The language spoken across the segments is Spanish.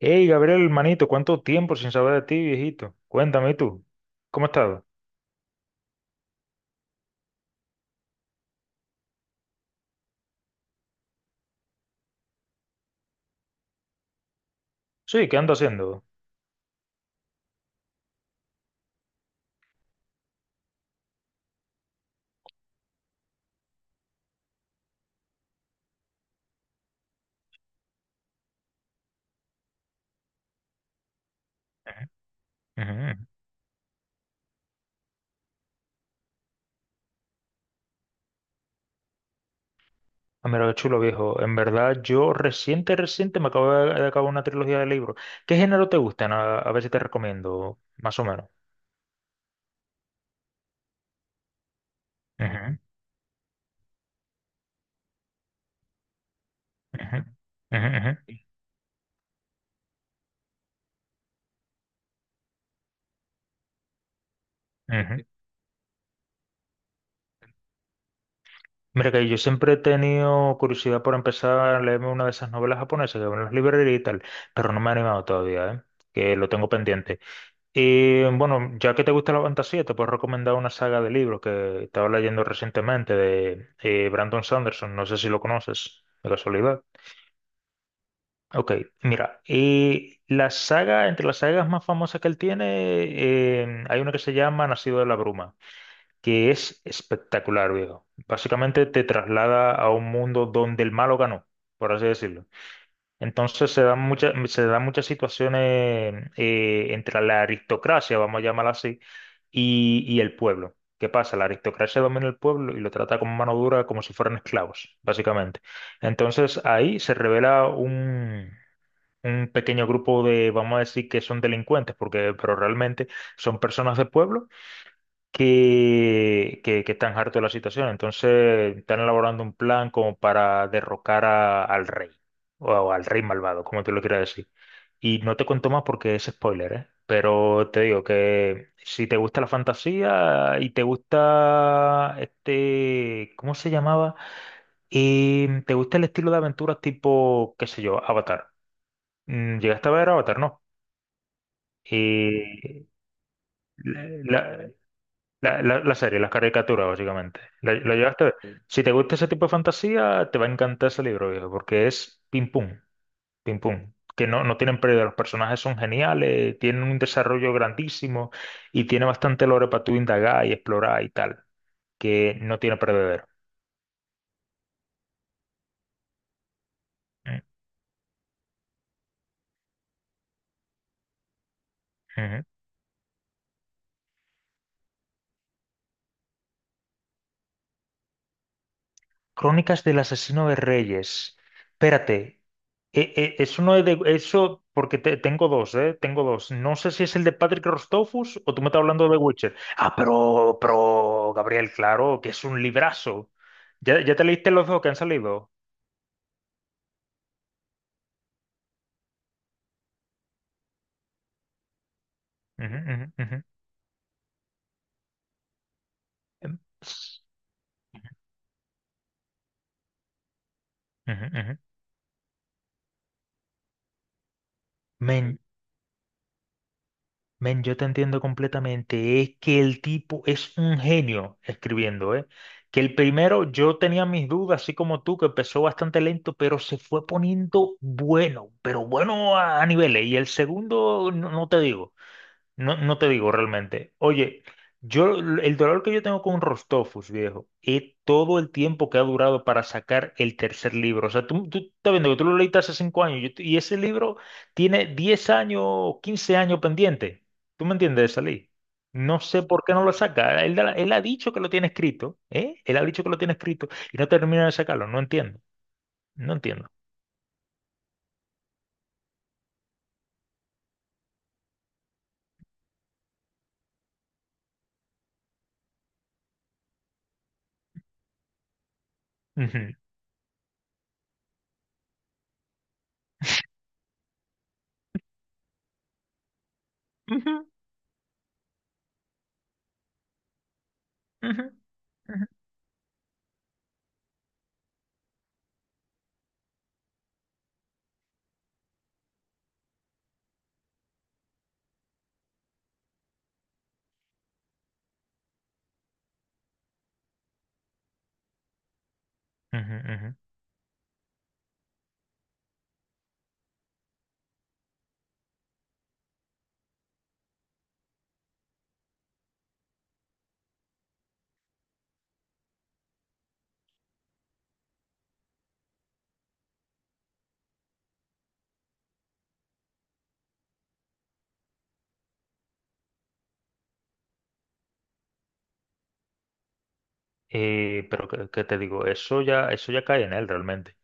Hey, Gabriel, manito, ¿cuánto tiempo sin saber de ti, viejito? Cuéntame, ¿y tú, cómo has estado? Sí, ¿qué ando haciendo? Ujú. Ah, mira, qué chulo, viejo. En verdad, yo reciente me acabo de acabar una trilogía de libros. ¿Qué género te gustan? A ver si te recomiendo, más o menos. Ujú, ujú, ujú, ujú, ujú. Mira que yo siempre he tenido curiosidad por empezar a leerme una de esas novelas japonesas que van en las librerías y tal, pero no me he animado todavía, ¿eh? Que lo tengo pendiente. Y bueno, ya que te gusta la fantasía, te puedo recomendar una saga de libros que estaba leyendo recientemente de Brandon Sanderson. No sé si lo conoces, de casualidad. Ok, mira, y la saga, entre las sagas más famosas que él tiene, hay una que se llama Nacido de la Bruma, que es espectacular, viejo. Básicamente te traslada a un mundo donde el malo ganó, por así decirlo. Entonces se dan muchas situaciones entre la aristocracia, vamos a llamarla así, y el pueblo. ¿Qué pasa? La aristocracia domina el pueblo y lo trata como mano dura, como si fueran esclavos, básicamente. Entonces ahí se revela Un pequeño grupo de, vamos a decir que son delincuentes, porque, pero realmente son personas de pueblo que están hartos de la situación. Entonces están elaborando un plan como para al rey, o al rey malvado, como tú lo quieras decir. Y no te cuento más porque es spoiler, ¿eh? Pero te digo que si te gusta la fantasía y te gusta este, ¿cómo se llamaba? Y te gusta el estilo de aventuras tipo, qué sé yo, Avatar. ¿Llegaste a ver Avatar? No. Y la serie, las caricaturas, básicamente. Lo llegaste a ver? Sí. Si te gusta ese tipo de fantasía, te va a encantar ese libro, viejo, porque es pim pum, pim pum. Que no, No tienen pérdida, los personajes son geniales, tienen un desarrollo grandísimo y tiene bastante lore para tú indagar y explorar y tal, que no tiene perdedero. Mm, ujú. Crónicas del Asesino de Reyes. Espérate, eso no es de eso porque tengo dos, ¿eh? Tengo dos. No sé si es el de Patrick Rostofus o tú me estás hablando de Witcher. Ah, pero, Gabriel, claro, que es un librazo. Ya te leíste los dos que han salido? Ujú, ujú, ujú. Em, ujú, ujú. Me Men, yo te entiendo completamente. Es que el tipo es un genio escribiendo, ¿eh? Que el primero yo tenía mis dudas, así como tú, que empezó bastante lento, pero se fue poniendo bueno, pero bueno a niveles. Y el segundo, no te digo. No te digo realmente. Oye, yo el dolor que yo tengo con Rostofus, viejo, es todo el tiempo que ha durado para sacar el tercer libro. O sea, tú estás viendo que tú lo leíste hace 5 años y ese libro tiene 10 años, 15 años pendiente. ¿Tú me entiendes, de salir? No sé por qué no lo saca. Él, él ha dicho que lo tiene escrito, ¿eh? Él ha dicho que lo tiene escrito y no termina de sacarlo. No entiendo. No entiendo. Ujú, ujú, ujú, ujú, ujú, ujú. Pero qué te digo? Eso ya cae en él realmente.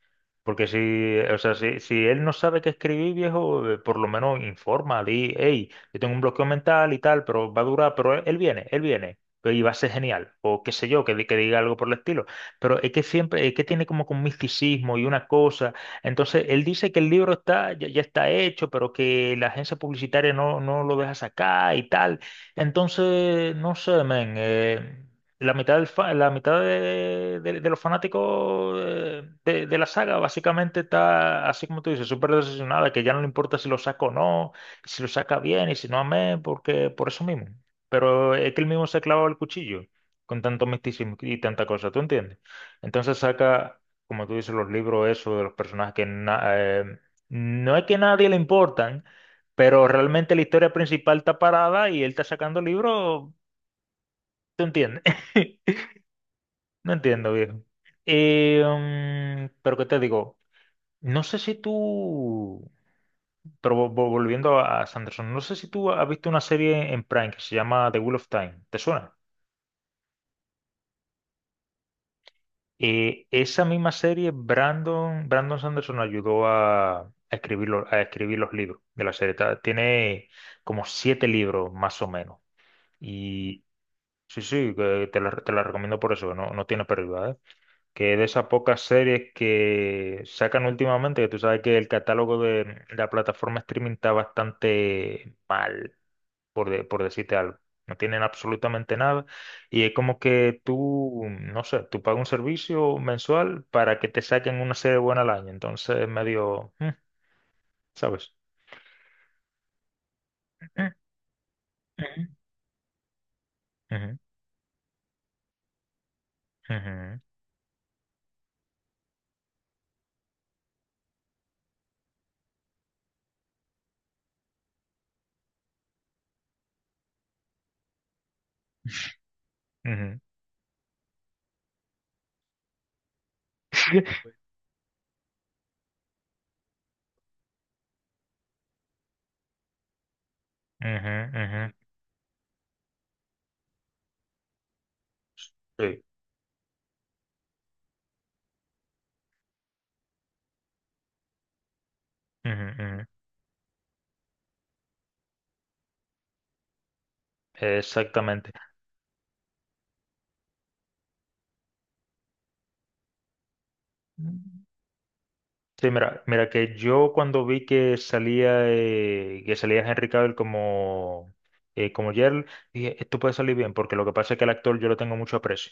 Porque si, o sea, si él no sabe qué escribir, viejo, por lo menos informa, di, hey, yo tengo un bloqueo mental y tal, pero va a durar, pero él viene, pero y va a ser genial, o qué sé yo, que, que diga algo por el estilo. Pero es que siempre, es que tiene como que un misticismo y una cosa. Entonces, él dice que el libro está, ya está hecho, pero que la agencia publicitaria no lo deja sacar y tal. Entonces, no sé, men. La mitad, la mitad de los fanáticos de la saga básicamente está, así como tú dices, súper decepcionada, que ya no le importa si lo saca o no, si lo saca bien y si no, amén, porque por eso mismo. Pero es que él mismo se ha clavado el cuchillo con tanto misticismo y tanta cosa, ¿tú entiendes? Entonces saca, como tú dices, los libros esos de los personajes que no es que a nadie le importan, pero realmente la historia principal está parada y él está sacando libros, ¿tú entiendes? No entiendo, viejo. Eh, pero qué te digo, no sé si tú, pero volviendo a Sanderson, no sé si tú has visto una serie en Prime que se llama The Wheel of Time, ¿te suena? Esa misma serie, Brandon Sanderson ayudó a escribir a escribir los libros de la serie. Tiene como siete libros más o menos. Y sí, sí, que te la recomiendo por eso, que no tiene pérdida, ¿eh? Que de esas pocas series que sacan últimamente, que tú sabes que el catálogo de la plataforma streaming está bastante mal, por decirte algo. No tienen absolutamente nada. Y es como que tú, no sé, tú pagas un servicio mensual para que te saquen una serie buena al año. Entonces es medio, mm, ¿sabes? Ujú, ujú, ujú, ujú, ujú, ujú, ujú, sí, ujú, ujú. Exactamente. Sí, mira, mira que yo cuando vi que salía que salía Henry Cavill como como Geralt, dije, esto puede salir bien, porque lo que pasa es que el actor yo lo tengo mucho aprecio.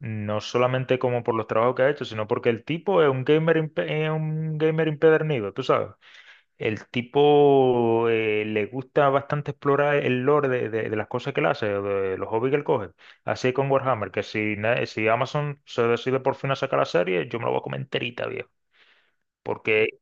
No solamente como por los trabajos que ha hecho, sino porque el tipo es un es un gamer impedernido, tú sabes. El tipo le gusta bastante explorar el lore de las cosas que él hace, de los hobbies que él coge. Así con Warhammer, que si Amazon se decide por fin a sacar la serie, yo me la voy a comer enterita, viejo. Porque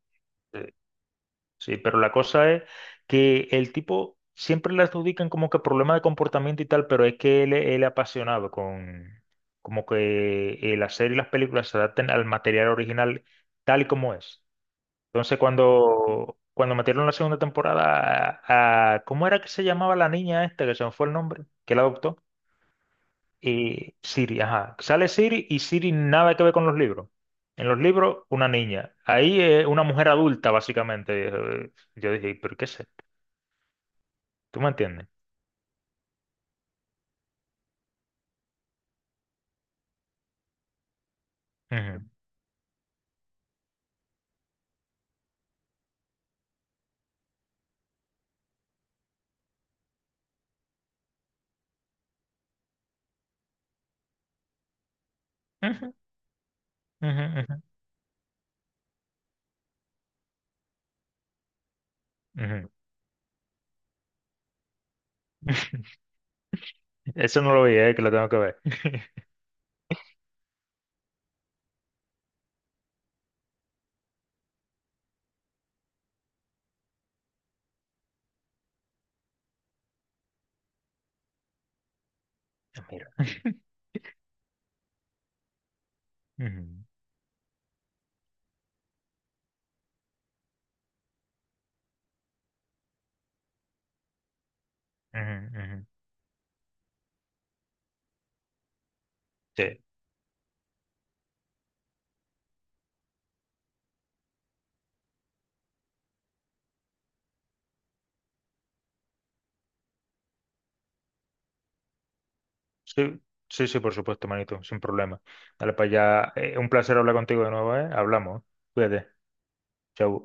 sí, pero la cosa es que el tipo siempre le adjudican como que problema de comportamiento y tal, pero es que él es apasionado con como que la serie y las películas se adapten al material original tal y como es. Entonces cuando metieron la segunda temporada ¿cómo era que se llamaba la niña esta que se me fue el nombre? Que la adoptó. Y Siri, ajá. Sale Siri y Siri nada que ver con los libros. En los libros, una niña. Ahí es una mujer adulta, básicamente. Yo dije, ¿pero qué es esto? ¿Tú me entiendes? Ujú, ujú, ujú, ujú, ujú. Eso no lo vi, que lo tengo que ver. Mira. Ujú, ujú, ujú. Sí, sí, sí, sí, por supuesto, manito, sin problema. Dale para allá. Un placer hablar contigo de nuevo, ¿eh? Hablamos. Cuídate. Chau.